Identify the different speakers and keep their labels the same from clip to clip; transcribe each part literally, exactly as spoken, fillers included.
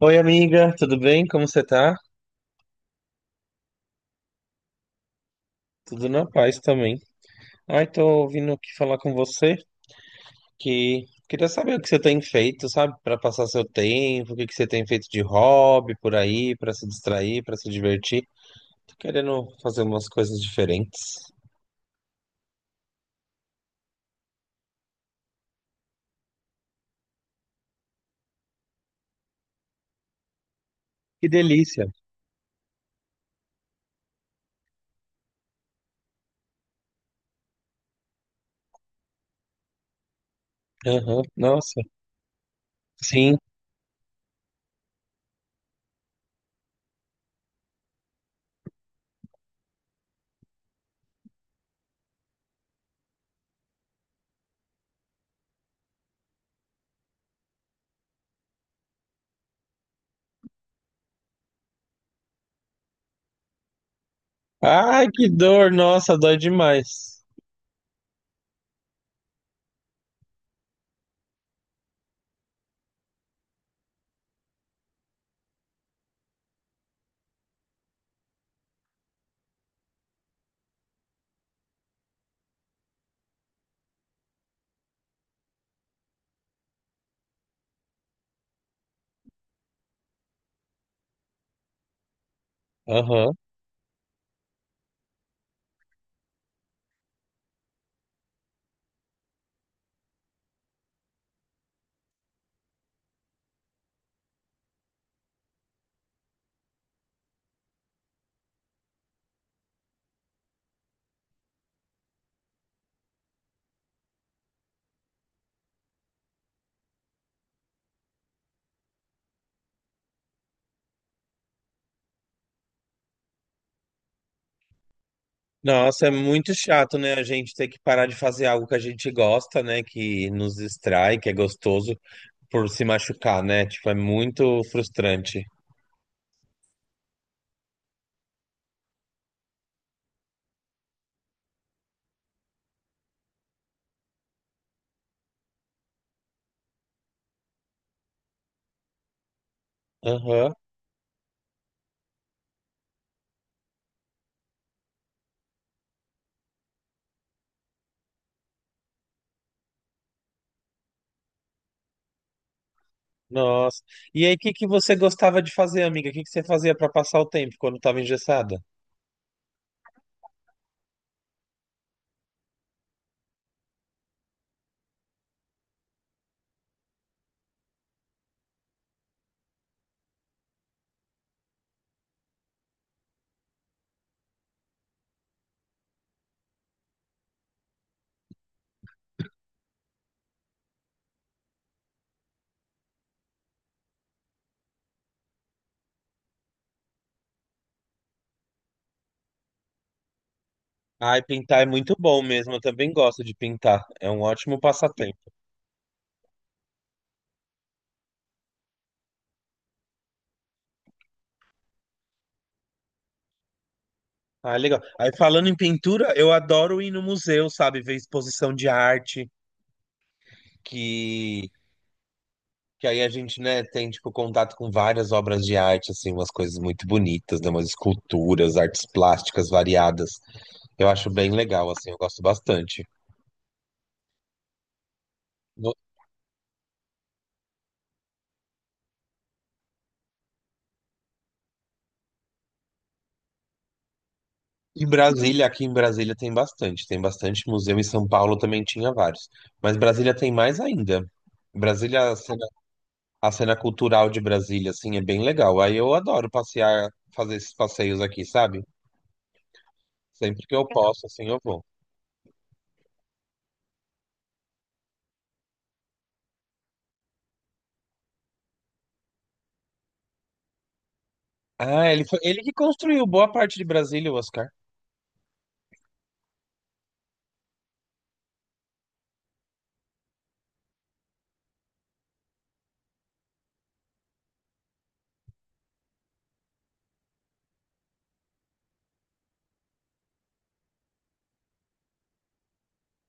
Speaker 1: Oi, amiga, tudo bem? Como você tá? Tudo na paz também. Ai, tô vindo aqui falar com você que queria saber o que você tem feito, sabe? Pra passar seu tempo, o que que você tem feito de hobby por aí, pra se distrair, pra se divertir. Tô querendo fazer umas coisas diferentes. Que delícia. Aham, nossa. Sim. Ai, que dor, nossa, dói demais. Aham. Nossa, é muito chato, né? A gente ter que parar de fazer algo que a gente gosta, né? Que nos distrai, que é gostoso. Por se machucar, né? Tipo, é muito frustrante. Aham. Nossa. E aí, o que que você gostava de fazer, amiga? O que que você fazia pra passar o tempo quando tava engessada? Ai, pintar é muito bom mesmo. Eu também gosto de pintar. É um ótimo passatempo. Ah, legal. Aí, falando em pintura, eu adoro ir no museu, sabe? Ver exposição de arte, que, que aí a gente, né, tem, tipo, contato com várias obras de arte, assim, umas coisas muito bonitas, né? Umas esculturas, artes plásticas variadas. Eu acho bem legal, assim, eu gosto bastante. No- Em Brasília, aqui em Brasília tem bastante, tem bastante museu, em São Paulo também tinha vários, mas Brasília tem mais ainda. Brasília, a cena, a cena cultural de Brasília, assim, é bem legal. Aí eu adoro passear, fazer esses passeios aqui, sabe? Sempre que eu posso, assim, eu vou. Ah, ele foi, ele que construiu boa parte de Brasília, o Oscar.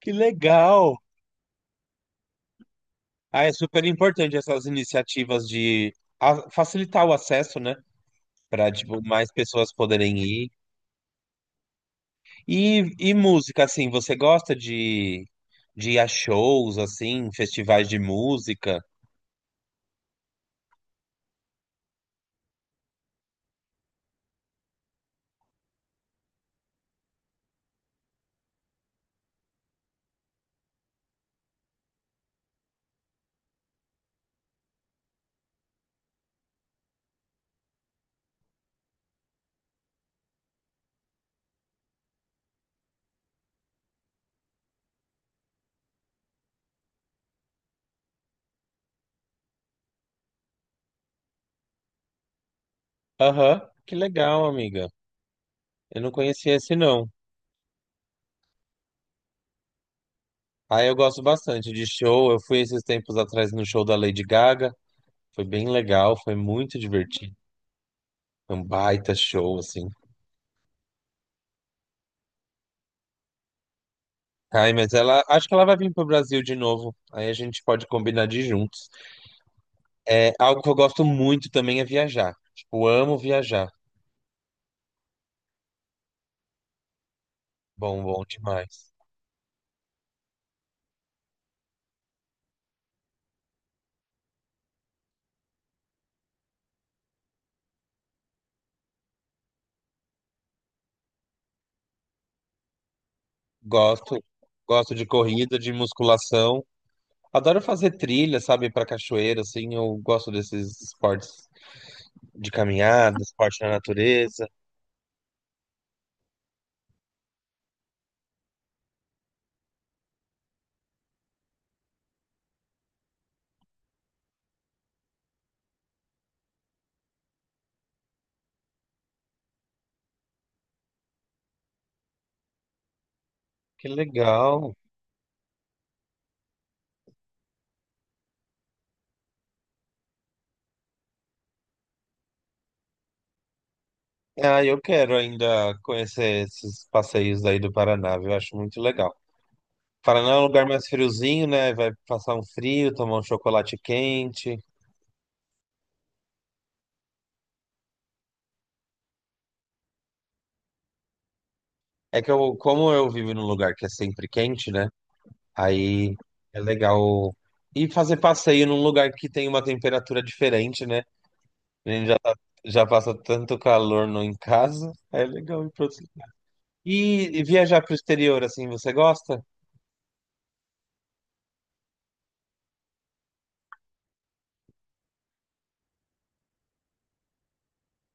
Speaker 1: Que legal! Ah, é super importante essas iniciativas de a- facilitar o acesso, né? Para, tipo, mais pessoas poderem ir. E, e música, assim, você gosta de, de ir a shows, assim, festivais de música? Aham, que legal, amiga. Eu não conhecia esse, não. Ah, eu gosto bastante de show. Eu fui esses tempos atrás no show da Lady Gaga. Foi bem legal, foi muito divertido. Foi um baita show, assim. Ai, mas ela, acho que ela vai vir pro Brasil de novo. Aí a gente pode combinar de ir juntos. É, algo que eu gosto muito também é viajar. Tipo, amo viajar. Bom, bom demais. Gosto, gosto de corrida, de musculação. Adoro fazer trilha, sabe, para cachoeira, assim. Eu gosto desses esportes de caminhada, esporte na natureza. Que legal. Ah, eu quero ainda conhecer esses passeios aí do Paraná, viu? Eu acho muito legal. Paraná é um lugar mais friozinho, né? Vai passar um frio, tomar um chocolate quente. É que eu, como eu vivo num lugar que é sempre quente, né? Aí é legal. E fazer passeio num lugar que tem uma temperatura diferente, né? A gente já, tá- Já passa tanto calor no em casa. É legal ir para outro lugar. E, e viajar pro exterior, assim, você gosta?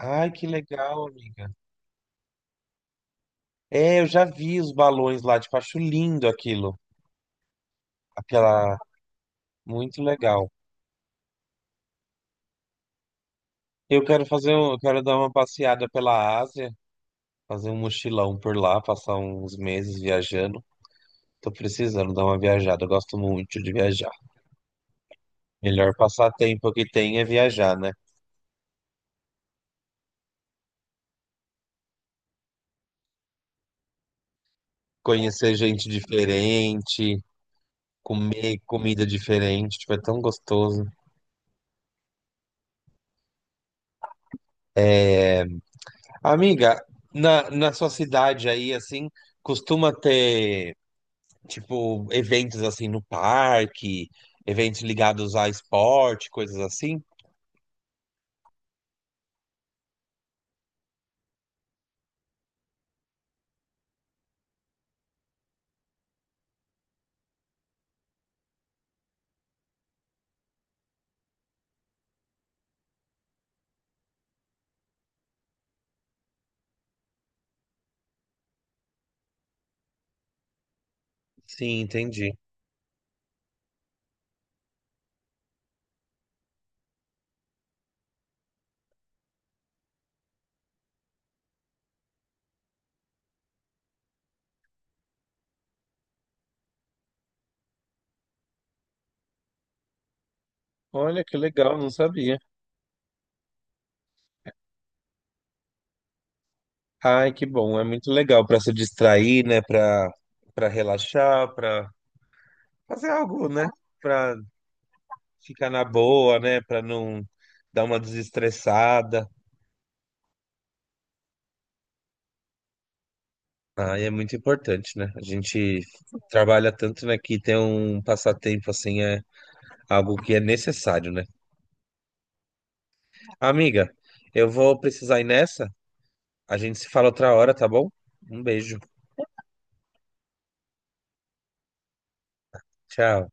Speaker 1: Ai, que legal, amiga. É, eu já vi os balões lá, tipo, acho lindo aquilo. Aquela. Muito legal. Eu quero fazer um, eu quero dar uma passeada pela Ásia, fazer um mochilão por lá, passar uns meses viajando. Tô precisando dar uma viajada, eu gosto muito de viajar. Melhor passatempo que tem é viajar, né? Conhecer gente diferente. Comer comida diferente, tipo, é tão gostoso. Amiga, na, na sua cidade aí, assim, costuma ter, tipo, eventos assim no parque, eventos ligados a esporte, coisas assim? Sim, entendi. Olha que legal, não sabia. Ai, que bom, é muito legal para se distrair, né, para para relaxar, para fazer algo, né, para ficar na boa, né, para não dar uma desestressada. Ah, e é muito importante, né? A gente trabalha tanto, né, que ter um passatempo assim é algo que é necessário, né? Amiga, eu vou precisar ir nessa. A gente se fala outra hora, tá bom? Um beijo. Tchau.